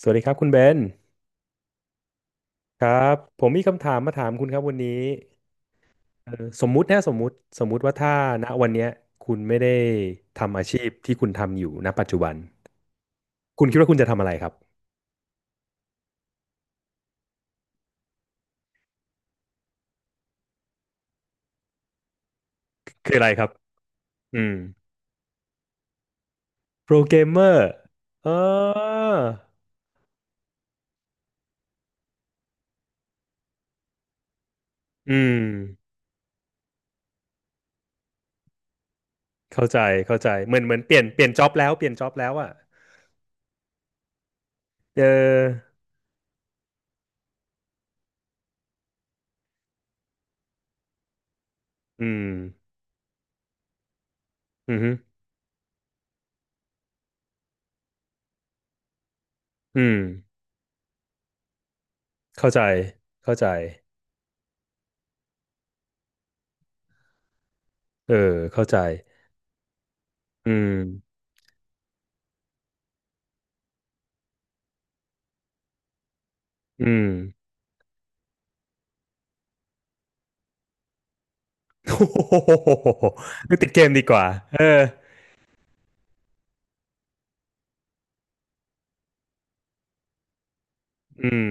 สวัสดีครับคุณเบนครับผมมีคำถามมาถามคุณครับวันนี้สมมุติสมมุติว่าถ้าณวันเนี้ยคุณไม่ได้ทำอาชีพที่คุณทำอยู่ณปัจจุบันคุณคิดว่าคุณจะทำอะไรครับคืออะไรครับอืมโปรแกรมเมอร์เอออืมเข้าใจเข้าใจเหมือนเปลี่ยนจ็อบแล้วเปลี่ยนจ็อบแล้วอ่ะเอออืมอืมอฮึอืมเข้าใจเข้าใจเออเข้าใจอืมอืม โอ้โหนึกติดเกมดีกว่าเอออืม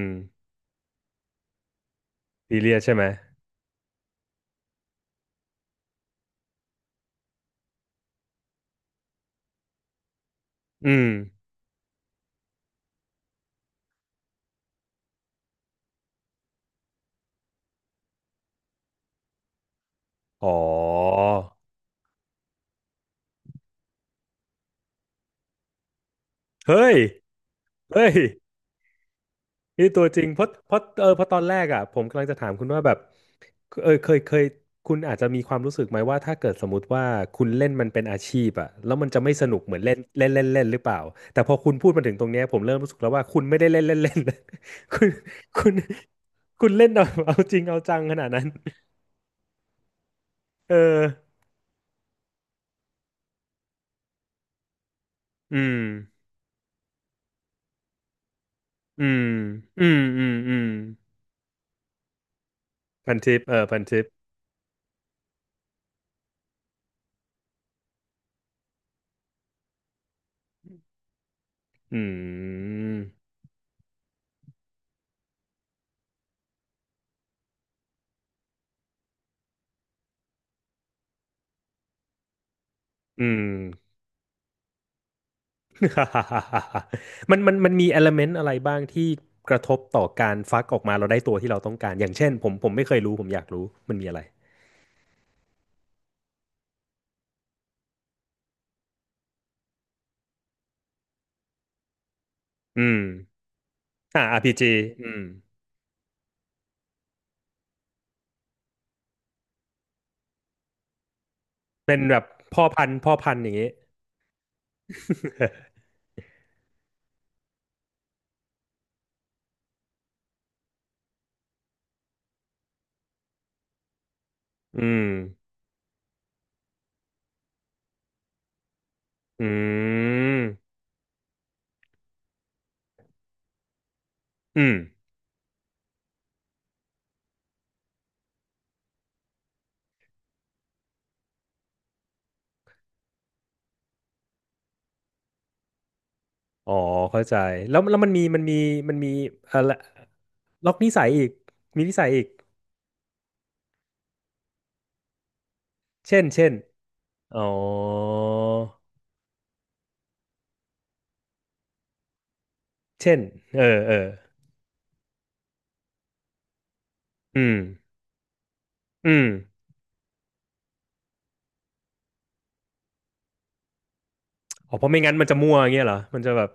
ซีเรียสใช่ไหมอืมอ๋อเฮ้ยเฮ้ยนี่ตัวจริงเพราะเออเพราะตอนแรกอ่ะผมกำลังจะถามคุณว่าแบบเออเคยคุณอาจจะมีความรู้สึกไหมว่าถ้าเกิดสมมติว่าคุณเล่นมันเป็นอาชีพอ่ะแล้วมันจะไม่สนุกเหมือนเล่นเล่นเล่นเล่นหรือเปล่าแต่พอคุณพูดมาถึงตรงเนี้ยผมเริ่มรู้สึกแล้วว่าคุณไม่ได้เล่นเล่นเล่น คุณคุณคุณเล่นเอาจริงเอาจังขนาดนั้นเอออืม อืมอืมอืมอืมพันทิปเออพันทิปอืมอืม มันมีเอลเมนต์อะไรบ้างที่กระทบต่อการฟักออกมาเราได้ตัวที่เราต้องการ อย่างเช่นผมไม่เคยรู้ ผมอยากรู้ มันมีอะไรอืมอ่า RPG อืมเป็นแบบพ่อพันธุ์อย่างงี้ อืมอืมอืมอ๋อ เข้าใจแล้วมันมีอะไรล็อกนิสัยอีก มีนิสัยอีก เช่นเช่น อ๋อเช่นเออเอออืมอืมอ๋อเพราะไม่งั้นมันจะมั่วอย่างเงี้ยเหรอมันจะแบบ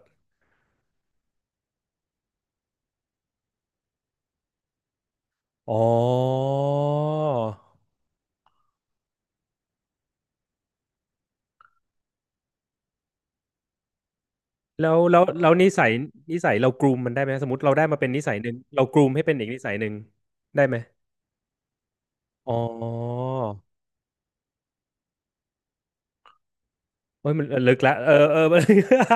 อ๋อแล้วนิสัยนิสัยเรากรูมมันได้ไหมสมมติเราได้มาเป็นนิสัยหนึ่งเรากรูมให้เป็นอีกนิสัยหนึ่งได้ไหมอ๋อ โอ้ยมันลึกละเออเออ มัน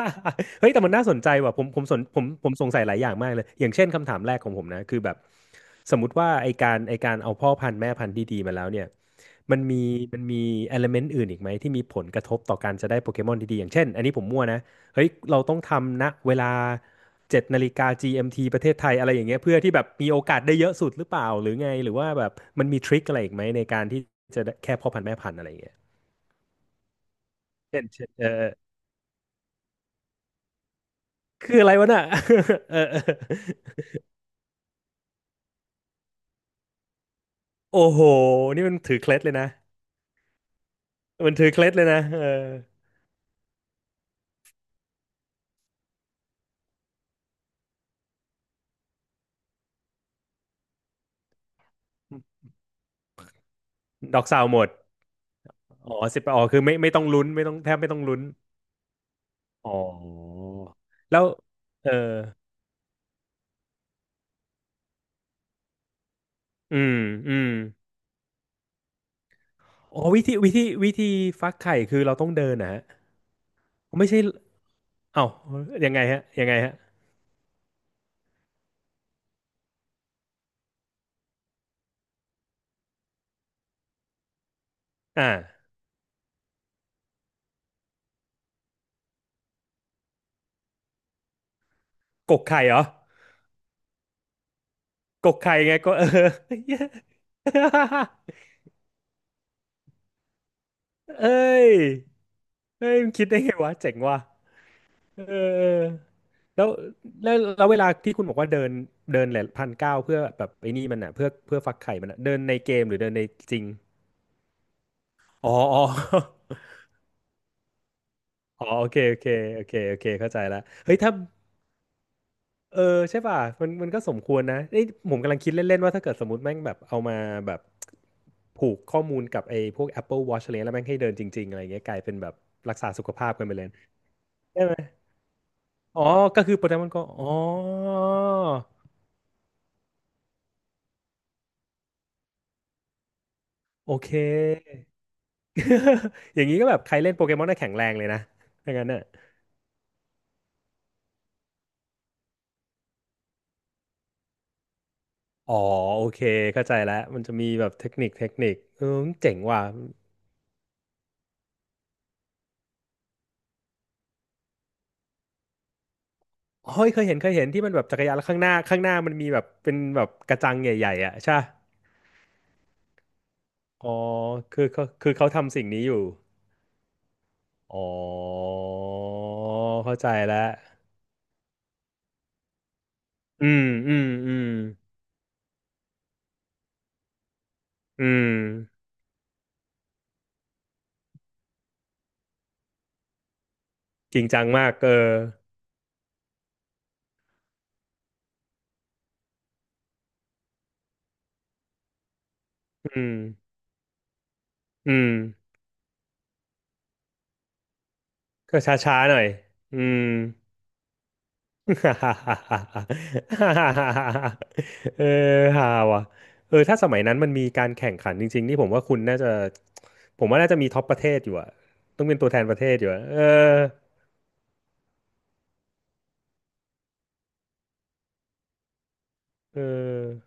เฮ้ยแต่มันน่าสนใจว่ะผมสนผมสงสัยหลายอย่างมากเลยอย่างเช่นคำถามแรกของผมนะคือแบบสมมติว่าไอการเอาพ่อพันธุ์แม่พันธุ์ดีๆมาแล้วเนี่ยมันมีมันมีเอลเมนต์อื่นอีกไหมที่มีผลกระทบต่อการจะได้โปเกมอนดีๆอย่างเช่นอันนี้ผมมั่วนะเฮ้ยเราต้องทำณเวลาเจ็ดนาฬิกา GMT ประเทศไทยอะไรอย่างเงี้ยเพื่อที่แบบมีโอกาสได้เยอะสุดหรือเปล่าหรือไงหรือว่าแบบมันมีทริคอะไรอีกไหมในการที่จะได้แค่พ่อพันธุ์แม่พันธุ์อะไรอย่างเงี้ยเช่นเออ คืออะไรวะน่ะ เออเออโอ้โหนี่มันถือเคล็ดเลยนะมันถือเคล็ดเลยนะเออดอกสาวหมดอ๋อสิบอ๋อคือไม่ไม่ต้องลุ้นไม่ต้องแทบไม่ต้องลุ้นอ๋อแล้วเอออืมอืมอ๋อวิธีฟักไข่คือเราต้องเดินนะฮะไม่ใช่เอ้ายังไงฮะยังไงฮะอ่ากกไข่เหรอกกไข่ไงก็เออ เอ้ยเอ้ยมันคิดได้ไงวะเจ๋งว่ะ เออแล้วแล้วเวลาที่คุณบอกว่าเดินเดินแหละพันเก้าเพื่อแบบไอ้นี่มันอ่ะเพื่อฟักไข่มันอ่ะเดินในเกมหรือเดินในจริงอ๋อ อ๋อโอเคเข้าใจแล้วเฮ้ยถ้าเออใช่ป่ะมันมันก็สมควรนะเอ้ยผมกำลังคิดเล่นๆว่าถ้าเกิดสมมติแม่งแบบเอามาแบบผูกข้อมูลกับไอ้พวก Apple Watch อะไรเงี้ยแล้วแม่งให้เดินจริงๆอะไรเงี้ยกลายเป็นแบบรักษาสุขภาพกันไปเลยใช่ไหมอ๋อก็คือโปเกมอนก็อ๋อโอเค อย่างนี้ก็แบบใครเล่นโปเกมอนได้แข็งแรงเลยนะถ้างั้นน่ะอ๋อโอเคเข้าใจแล้วมันจะมีแบบเทคนิคเออเจ๋งว่ะเฮ้ยเคยเห็นที่มันแบบจักรยานแล้วข้างหน้ามันมีแบบเป็นแบบกระจังใหญ่ๆอ่ะใช่ปะอ๋อคือเขาทำสิ่งนี้อยู่อ๋อเข้าใจแล้วอืมอืมอืมอืมจริงจังมากเอออืมอืมก็ช้าๆหน่อยอืม ฮ่าฮ่าฮ่าฮ่าฮ่าฮ่าฮ่าฮ่าฮ่าเออฮาว่ะเออถ้าสมัยนั้นมันมีการแข่งขันจริงๆนี่ผมว่าคุณน่าจะผมว่าน่าจะมีท็อปประเทศอยู่อะต้องเป็นตัวแทนประเทศอยู่อะเออเออ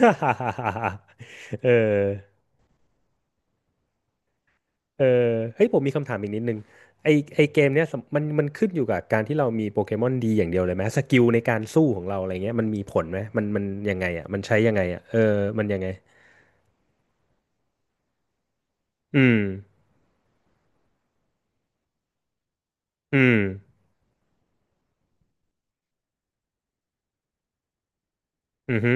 ฮ่าฮ่าฮ่าฮ่าฮ่าเออเออเฮ้ยผมมีคำถามอีกนิดนึงไอไอเกมเนี้ยสำมันขึ้นอยู่กับการที่เรามีโปเกมอนดีอย่างเดียวเลยไหมสกิลในการสู้ของเราอะไรเงี้ยมันมีผลไหมมันมันยังไงอ่ะมันใช้ยังไงอ่ะเออมันยังไงอืมอืมอือฮึ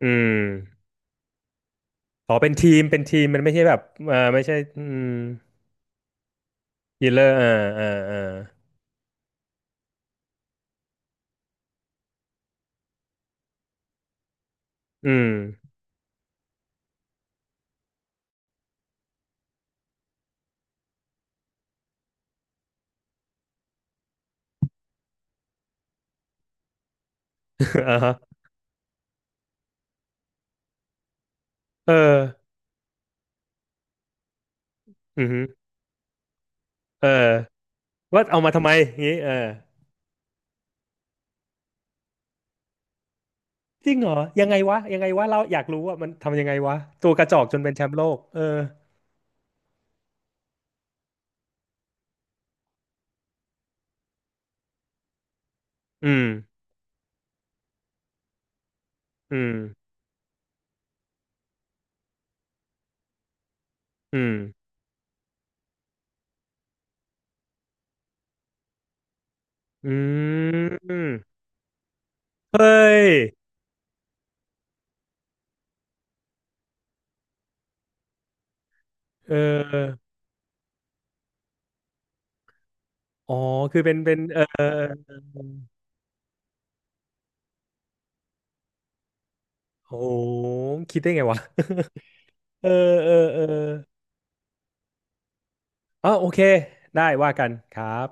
อืมอ๋อเป็นทีมมันไม่ใช่แบบเออไม่ใช่อืมฮีลเลอร์อ่าอ่าอ่าอืม อ่าฮะเอออือฮึเออว่าเอามาทำไมงี้เออจริงเหรอยังไงวะเราอยากรู้ว่ามันทำยังไงวะตัวกระจอกจนเป็นแชมป์โลกเอออืมอืมอืมอืมเฮ้ยเอออ๋อคือเป็นเป็นเออเออเออโหคิดได้ไงวะ เออเออเออ อ๋อโอเคได้ว่ากันครับ